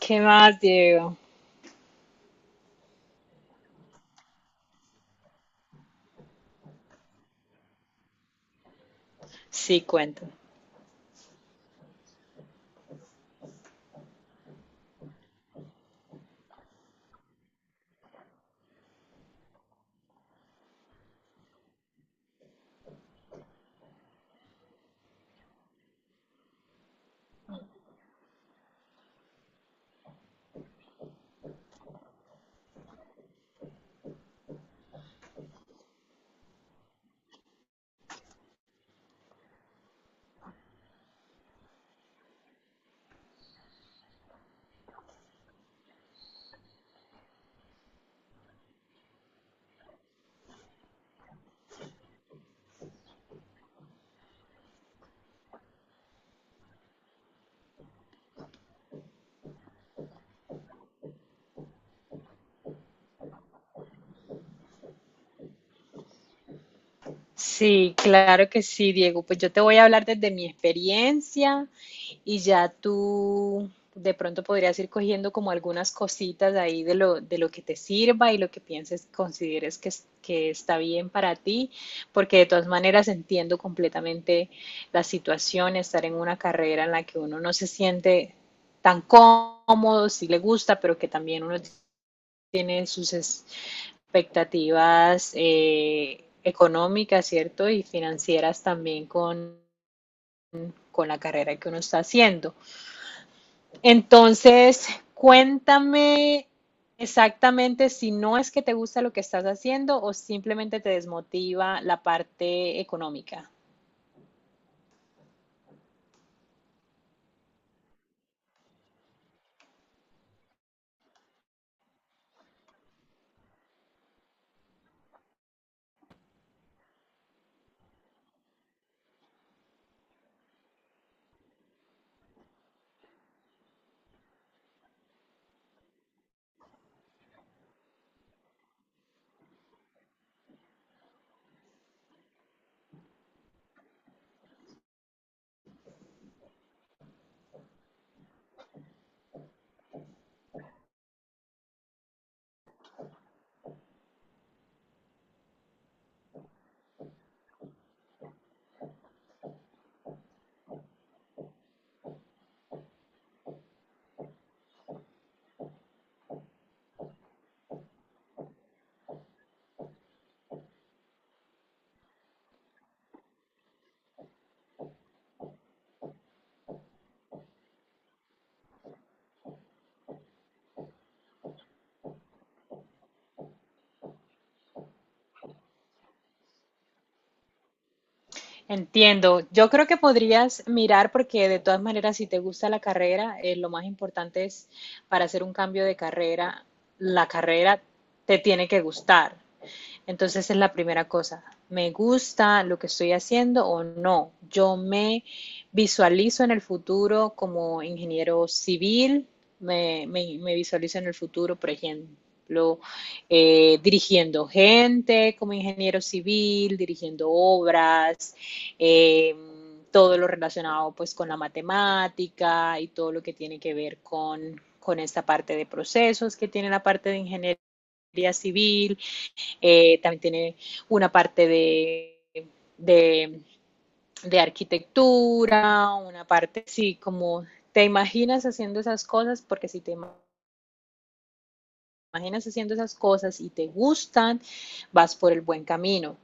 ¿Qué más, Diego? Sí, cuento. Sí, claro que sí, Diego. Pues yo te voy a hablar desde mi experiencia y ya tú de pronto podrías ir cogiendo como algunas cositas ahí de lo que te sirva y lo que pienses, consideres que, que está bien para ti, porque de todas maneras entiendo completamente la situación, estar en una carrera en la que uno no se siente tan cómodo, si le gusta, pero que también uno tiene sus expectativas, económicas, ¿cierto? Y financieras también con la carrera que uno está haciendo. Entonces, cuéntame exactamente si no es que te gusta lo que estás haciendo o simplemente te desmotiva la parte económica. Entiendo. Yo creo que podrías mirar, porque de todas maneras si te gusta la carrera, lo más importante es, para hacer un cambio de carrera, la carrera te tiene que gustar. Entonces es la primera cosa. ¿Me gusta lo que estoy haciendo o no? Yo me visualizo en el futuro como ingeniero civil, me visualizo en el futuro, por ejemplo, dirigiendo gente como ingeniero civil, dirigiendo obras, eh, todo lo relacionado pues con la matemática y todo lo que tiene que ver con esta parte de procesos que tiene la parte de ingeniería civil. También tiene una parte de, de arquitectura, una parte, sí. Como te imaginas haciendo esas cosas, porque si te imaginas haciendo esas cosas y te gustan, vas por el buen camino.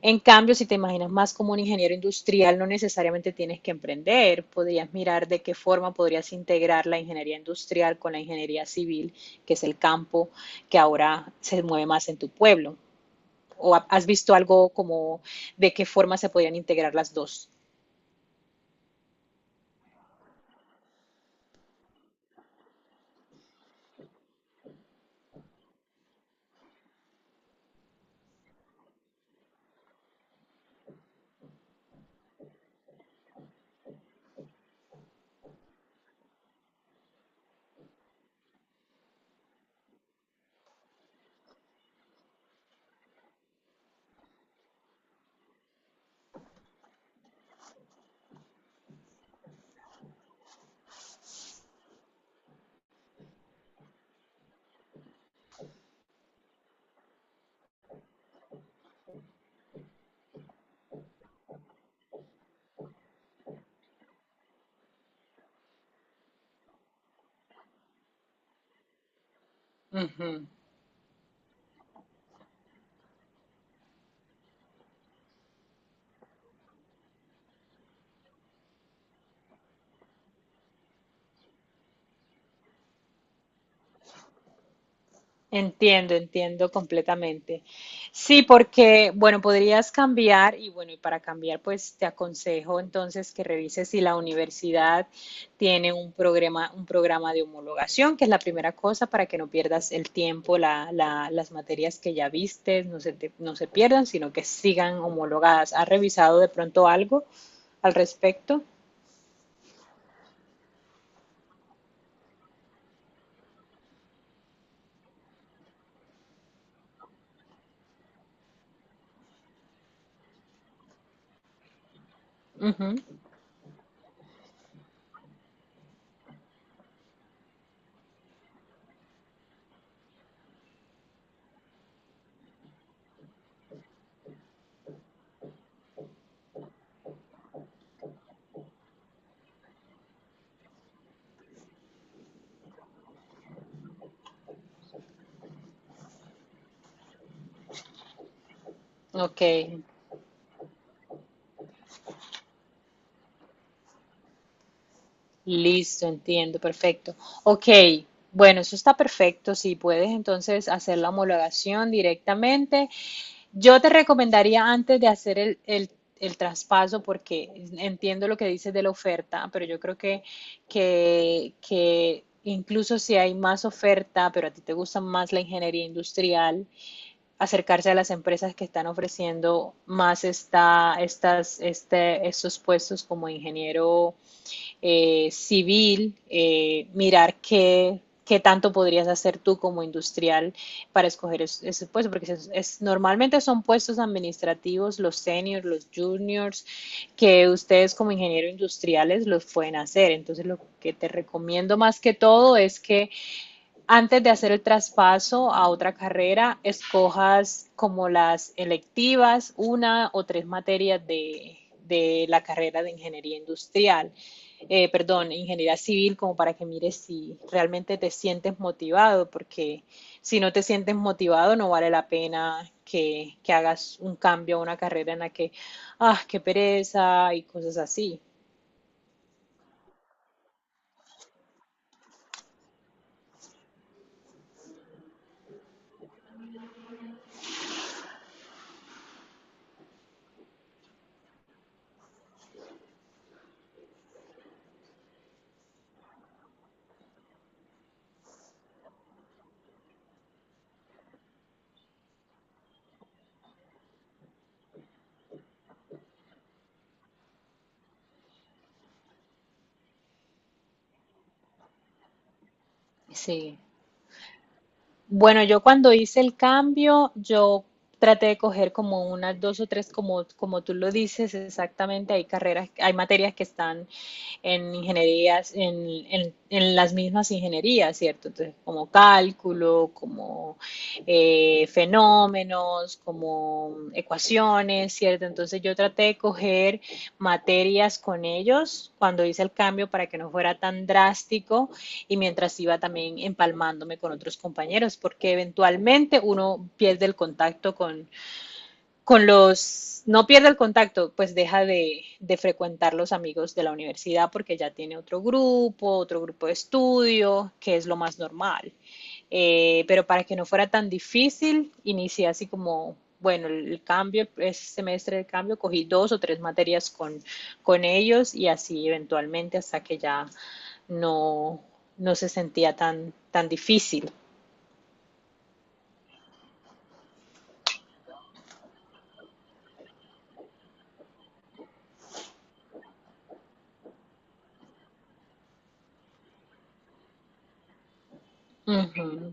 En cambio, si te imaginas más como un ingeniero industrial, no necesariamente tienes que emprender. Podrías mirar de qué forma podrías integrar la ingeniería industrial con la ingeniería civil, que es el campo que ahora se mueve más en tu pueblo. ¿O has visto algo como de qué forma se podrían integrar las dos? Uh -huh. Entiendo, entiendo completamente. Sí, porque, bueno, podrías cambiar. Y bueno, y para cambiar, pues te aconsejo entonces que revises si la universidad tiene un programa de homologación, que es la primera cosa, para que no pierdas el tiempo, las materias que ya viste, no se pierdan, sino que sigan homologadas. ¿Has revisado de pronto algo al respecto? Uh -huh. Ok, listo, entiendo, perfecto. Ok, bueno, eso está perfecto. Si puedes entonces hacer la homologación directamente, yo te recomendaría, antes de hacer el traspaso, porque entiendo lo que dices de la oferta, pero yo creo que incluso si hay más oferta, pero a ti te gusta más la ingeniería industrial, acercarse a las empresas que están ofreciendo más estos puestos como ingeniero, civil. Mirar qué, qué tanto podrías hacer tú como industrial para escoger ese puesto, porque normalmente son puestos administrativos, los seniors, los juniors, que ustedes como ingenieros industriales los pueden hacer. Entonces, lo que te recomiendo más que todo es que antes de hacer el traspaso a otra carrera, escojas como las electivas, una o tres materias de la carrera de ingeniería industrial, perdón, ingeniería civil, como para que mires si realmente te sientes motivado, porque si no te sientes motivado no vale la pena que hagas un cambio a una carrera en la que, ah, qué pereza y cosas así. Sí. Bueno, yo cuando hice el cambio, yo traté de coger como unas dos o tres, como, como tú lo dices exactamente, hay carreras, hay materias que están en ingenierías, en las mismas ingenierías, ¿cierto? Entonces, como cálculo, como fenómenos, como ecuaciones, ¿cierto? Entonces, yo traté de coger materias con ellos cuando hice el cambio para que no fuera tan drástico, y mientras iba también empalmándome con otros compañeros, porque eventualmente uno pierde el contacto con no pierde el contacto, pues deja de frecuentar los amigos de la universidad porque ya tiene otro grupo de estudio, que es lo más normal. Pero para que no fuera tan difícil, inicié así como, bueno, el cambio, ese semestre de cambio, cogí dos o tres materias con ellos, y así eventualmente, hasta que ya no, no se sentía tan, tan difícil. Uh -huh,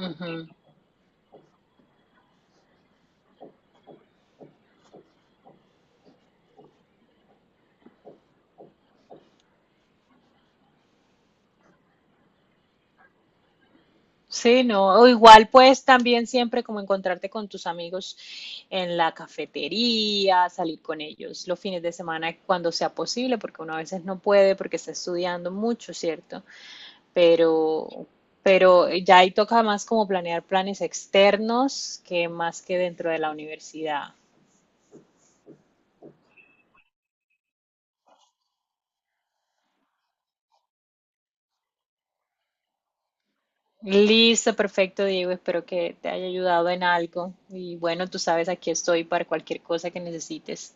uh -huh. Sí, no, o igual pues también siempre como encontrarte con tus amigos en la cafetería, salir con ellos los fines de semana cuando sea posible, porque uno a veces no puede porque está estudiando mucho, ¿cierto? Pero, pero ya ahí toca más como planear planes externos, que más que dentro de la universidad. Listo, perfecto, Diego. Espero que te haya ayudado en algo. Y bueno, tú sabes, aquí estoy para cualquier cosa que necesites.